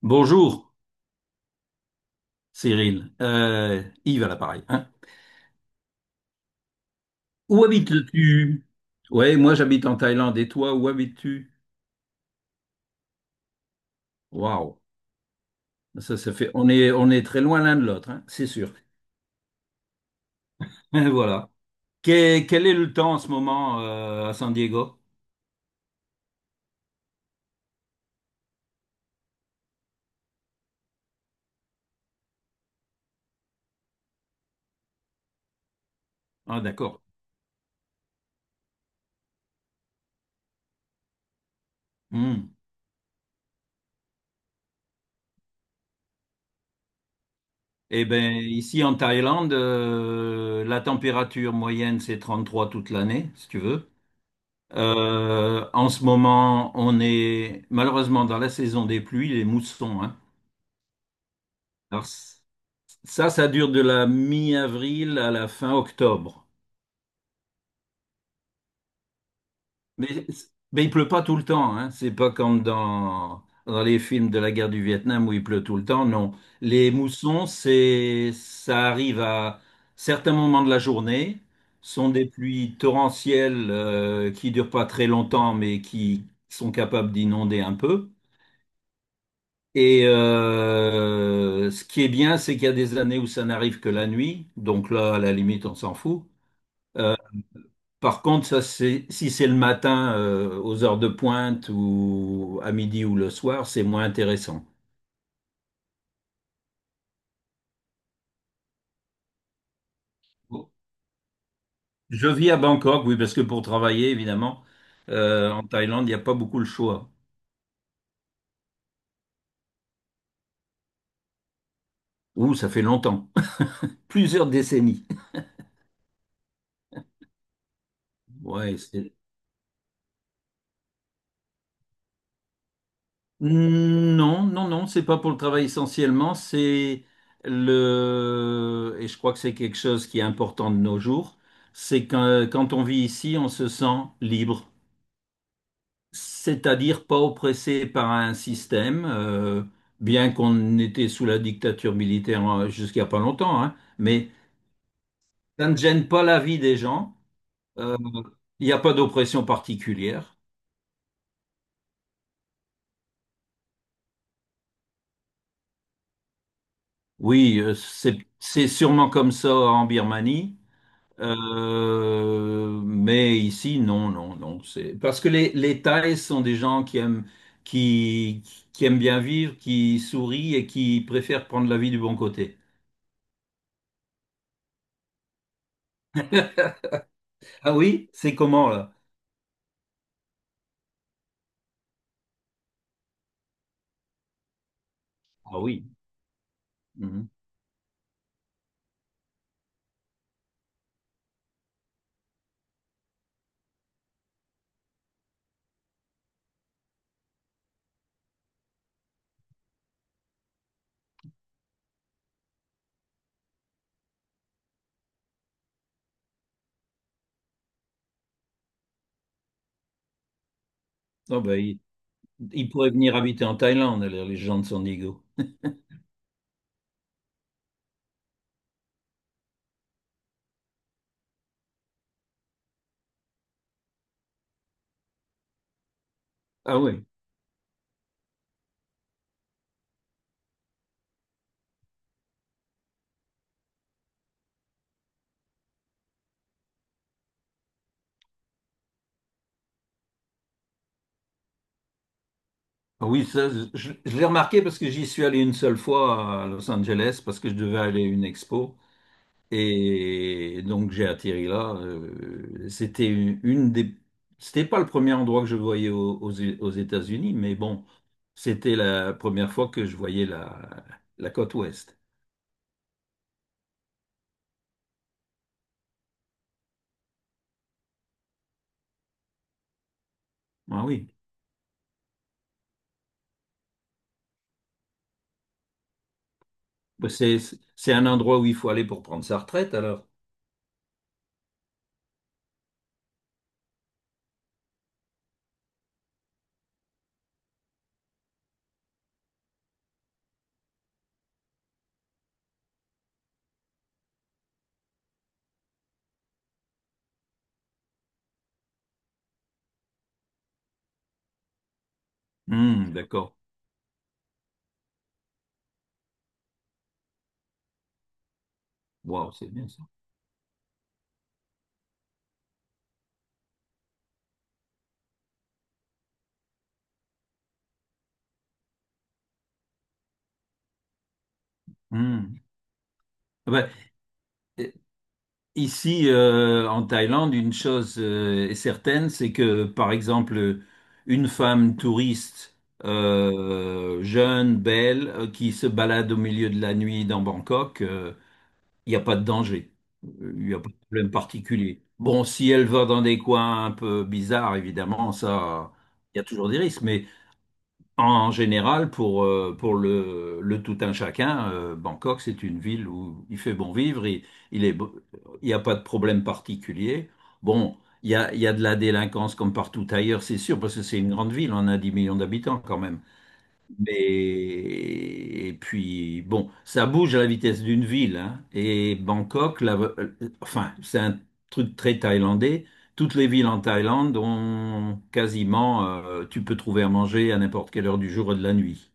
Bonjour, Cyril. Yves à l'appareil, hein. Où habites-tu? Ouais, moi j'habite en Thaïlande. Et toi, où habites-tu? Waouh, ça fait. On est très loin l'un de l'autre, hein, c'est sûr. Voilà. Quel est le temps en ce moment à San Diego? Ah, d'accord. Hmm. Eh bien, ici en Thaïlande, la température moyenne, c'est 33 toute l'année, si tu veux. En ce moment, on est malheureusement dans la saison des pluies, les moussons, hein. Alors, ça, ça dure de la mi-avril à la fin octobre. Mais, mais il pleut pas tout le temps, hein. C'est pas comme dans les films de la guerre du Vietnam où il pleut tout le temps, non. Les moussons, ça arrive à certains moments de la journée. Ce sont des pluies torrentielles qui durent pas très longtemps, mais qui sont capables d'inonder un peu. Et ce qui est bien, c'est qu'il y a des années où ça n'arrive que la nuit. Donc là, à la limite, on s'en fout. Par contre, ça, si c'est le matin, aux heures de pointe ou à midi ou le soir, c'est moins intéressant. Je vis à Bangkok, oui, parce que pour travailler, évidemment, en Thaïlande, il n'y a pas beaucoup le choix. Ouh, ça fait longtemps. Plusieurs décennies. Ouais, Non, non, non, c'est pas pour le travail essentiellement, Et je crois que c'est quelque chose qui est important de nos jours, c'est quand on vit ici, on se sent libre. C'est-à-dire pas oppressé par un système, bien qu'on était sous la dictature militaire jusqu'à pas longtemps, hein, mais ça ne gêne pas la vie des gens. Euh, Il n'y a pas d'oppression particulière. Oui, c'est sûrement comme ça en Birmanie, mais ici, non, non, non. C'est parce que les Thaïs sont des gens qui aiment, qui, qui aiment bien vivre, qui sourient et qui préfèrent prendre la vie du bon côté. Ah oui, c'est comment là? Ah oui. Mhm. Ah ben, il pourrait venir habiter en Thaïlande, alors, les gens de Sandiego. Ah oui. Ah oui, ça, je l'ai remarqué parce que j'y suis allé une seule fois à Los Angeles parce que je devais aller à une expo. Et donc j'ai atterri là. C'était une des. C'était pas le premier endroit que je voyais aux États-Unis, mais bon, c'était la première fois que je voyais la côte ouest. Ah oui. Bah, C'est un endroit où il faut aller pour prendre sa retraite alors. D'accord. Wow, c'est bien ça. Hmm. Ah ben, euh, ici, en Thaïlande, une chose est certaine, c'est que, par exemple, une femme touriste jeune, belle, qui se balade au milieu de la nuit dans Bangkok, il n'y a pas de danger. Il n'y a pas de problème particulier. Bon, si elle va dans des coins un peu bizarres, évidemment, ça, il y a toujours des risques. Mais en général, pour le tout un chacun, Bangkok, c'est une ville où il fait bon vivre, il est, beau- il n'y a pas de problème particulier. Bon, il y a de la délinquance comme partout ailleurs, c'est sûr, parce que c'est une grande ville, on a 10 millions d'habitants quand même. Mais et puis bon, ça bouge à la vitesse d'une ville, hein. Et Bangkok, enfin, c'est un truc très thaïlandais. Toutes les villes en Thaïlande ont quasiment, tu peux trouver à manger à n'importe quelle heure du jour et de la nuit.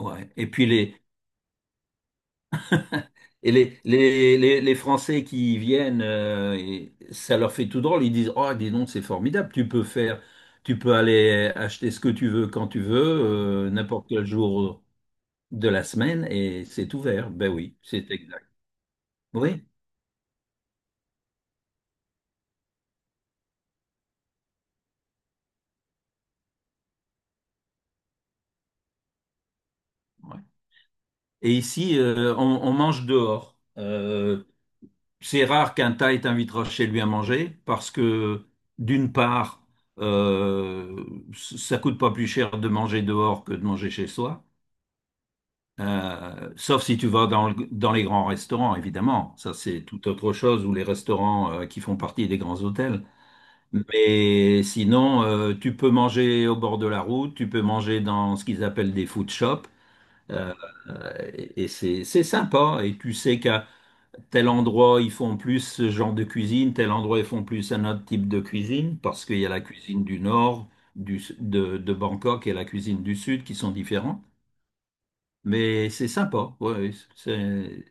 Ouais. Et puis les et les, les Français qui y viennent, et ça leur fait tout drôle. Ils disent, oh, dis donc, c'est formidable. Tu peux aller acheter ce que tu veux quand tu veux, n'importe quel jour de la semaine et c'est ouvert. Ben oui, c'est exact. Oui. Ouais. Et ici, on mange dehors. C'est rare qu'un Thaï t'invitera chez lui à manger parce que, d'une part, euh, ça coûte pas plus cher de manger dehors que de manger chez soi. Sauf si tu vas dans les grands restaurants, évidemment. Ça, c'est tout autre chose, ou les restaurants qui font partie des grands hôtels. Mais sinon, tu peux manger au bord de la route, tu peux manger dans ce qu'ils appellent des food shops, euh, et c'est sympa. Et tu sais qu'à tel endroit, ils font plus ce genre de cuisine, tel endroit, ils font plus un autre type de cuisine, parce qu'il y a la cuisine du nord, de Bangkok et la cuisine du sud qui sont différents. Mais c'est sympa, ouais.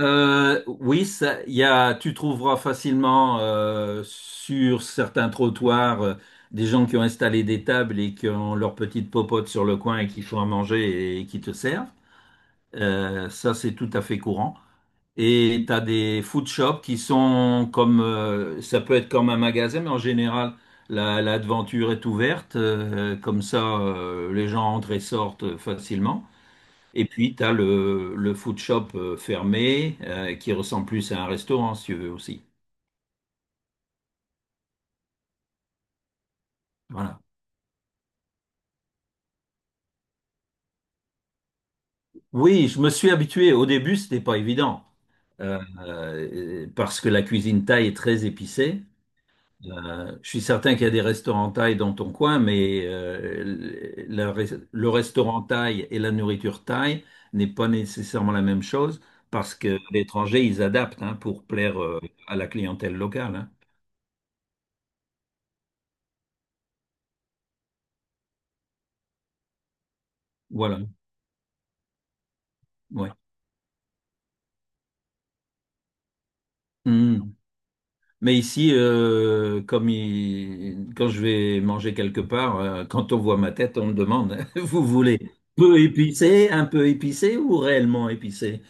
Oui, tu trouveras facilement sur certains trottoirs des gens qui ont installé des tables et qui ont leur petite popote sur le coin et qui font à manger et qui te servent. Ça, c'est tout à fait courant. Et tu as des food shops qui sont comme, ça peut être comme un magasin, mais en général, l'aventure est ouverte, comme ça, les gens entrent et sortent facilement. Et puis, tu as le food shop fermé qui ressemble plus à un restaurant, si tu veux aussi. Voilà. Oui, je me suis habitué. Au début, c'était pas évident parce que la cuisine thaï est très épicée. Je suis certain qu'il y a des restaurants thaï dans ton coin, mais le restaurant thaï et la nourriture thaï n'est pas nécessairement la même chose parce que l'étranger, ils adaptent, hein, pour plaire à la clientèle locale, hein. Voilà. Ouais. Hmm. Mais ici, comme quand je vais manger quelque part, quand on voit ma tête, on me demande, vous voulez peu épicé, un peu épicé ou réellement épicé?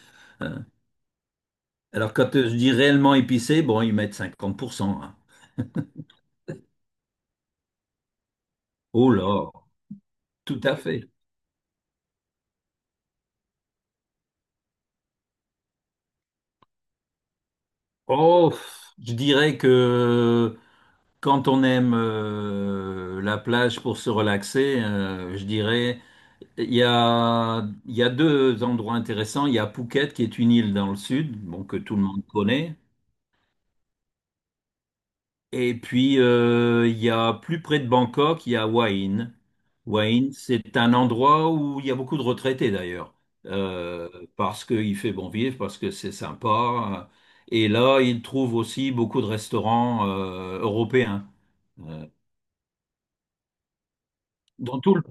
Alors quand je dis réellement épicé, bon, ils mettent 50%, hein. Oh là, tout à fait. Oh, je dirais que quand on aime la plage pour se relaxer, je dirais, il y a deux endroits intéressants. Il y a Phuket, qui est une île dans le sud, bon, que tout le monde connaît. Et puis, il y a plus près de Bangkok, il y a Wahin. Wahin, c'est un endroit où il y a beaucoup de retraités d'ailleurs, euh, parce qu'il fait bon vivre, parce que c'est sympa. Et là, ils trouvent aussi beaucoup de restaurants européens. Euh, Dans tout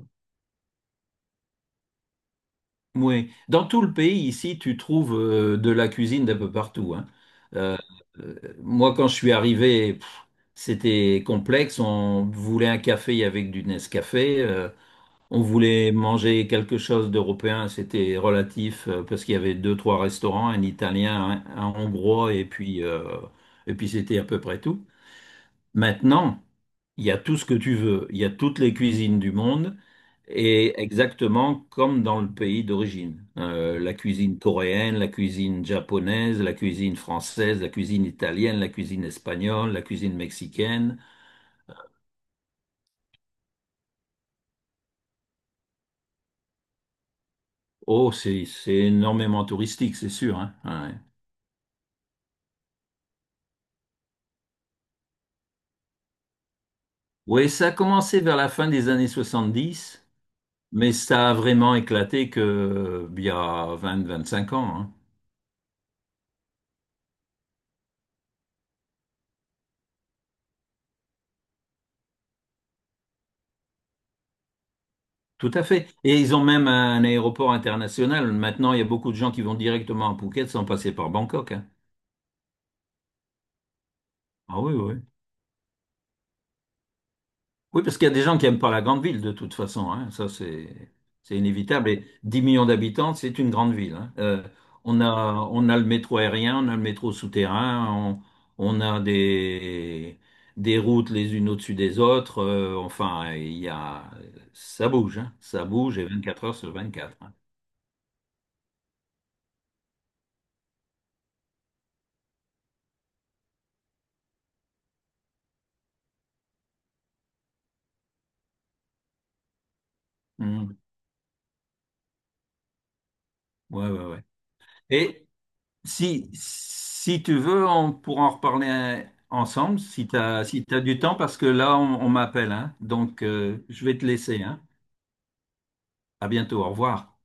oui. Dans tout le pays, ici, tu trouves de la cuisine d'un peu partout, hein. Euh, euh, Moi, quand je suis arrivé, c'était complexe. On voulait un café avec du Nescafé. On voulait manger quelque chose d'européen, c'était relatif parce qu'il y avait deux, trois restaurants, un italien, un hongrois et puis c'était à peu près tout. Maintenant, il y a tout ce que tu veux, il y a toutes les cuisines du monde et exactement comme dans le pays d'origine. La cuisine coréenne, la cuisine japonaise, la cuisine française, la cuisine italienne, la cuisine espagnole, la cuisine mexicaine. Oh, c'est énormément touristique, c'est sûr, hein. Ouais. Oui, ça a commencé vers la fin des années 70, mais ça a vraiment éclaté que, il y a 20, 25 ans, hein. Tout à fait. Et ils ont même un aéroport international. Maintenant, il y a beaucoup de gens qui vont directement à Phuket sans passer par Bangkok, hein. Ah oui, oui. Oui, parce qu'il y a des gens qui n'aiment pas la grande ville de toute façon, hein. Ça, c'est inévitable. Et 10 millions d'habitants, c'est une grande ville, hein. On a le métro aérien, on a le métro souterrain, on a des routes les unes au-dessus des autres, enfin, ça bouge, hein. Ça bouge et 24 heures sur 24, hein. Mhm. Ouais, ouais, ouais. Et, si tu veux, on pourra en reparler ensemble si tu as, si t'as du temps, parce que là, on m'appelle, hein. Donc, je vais te laisser, hein. À bientôt, au revoir.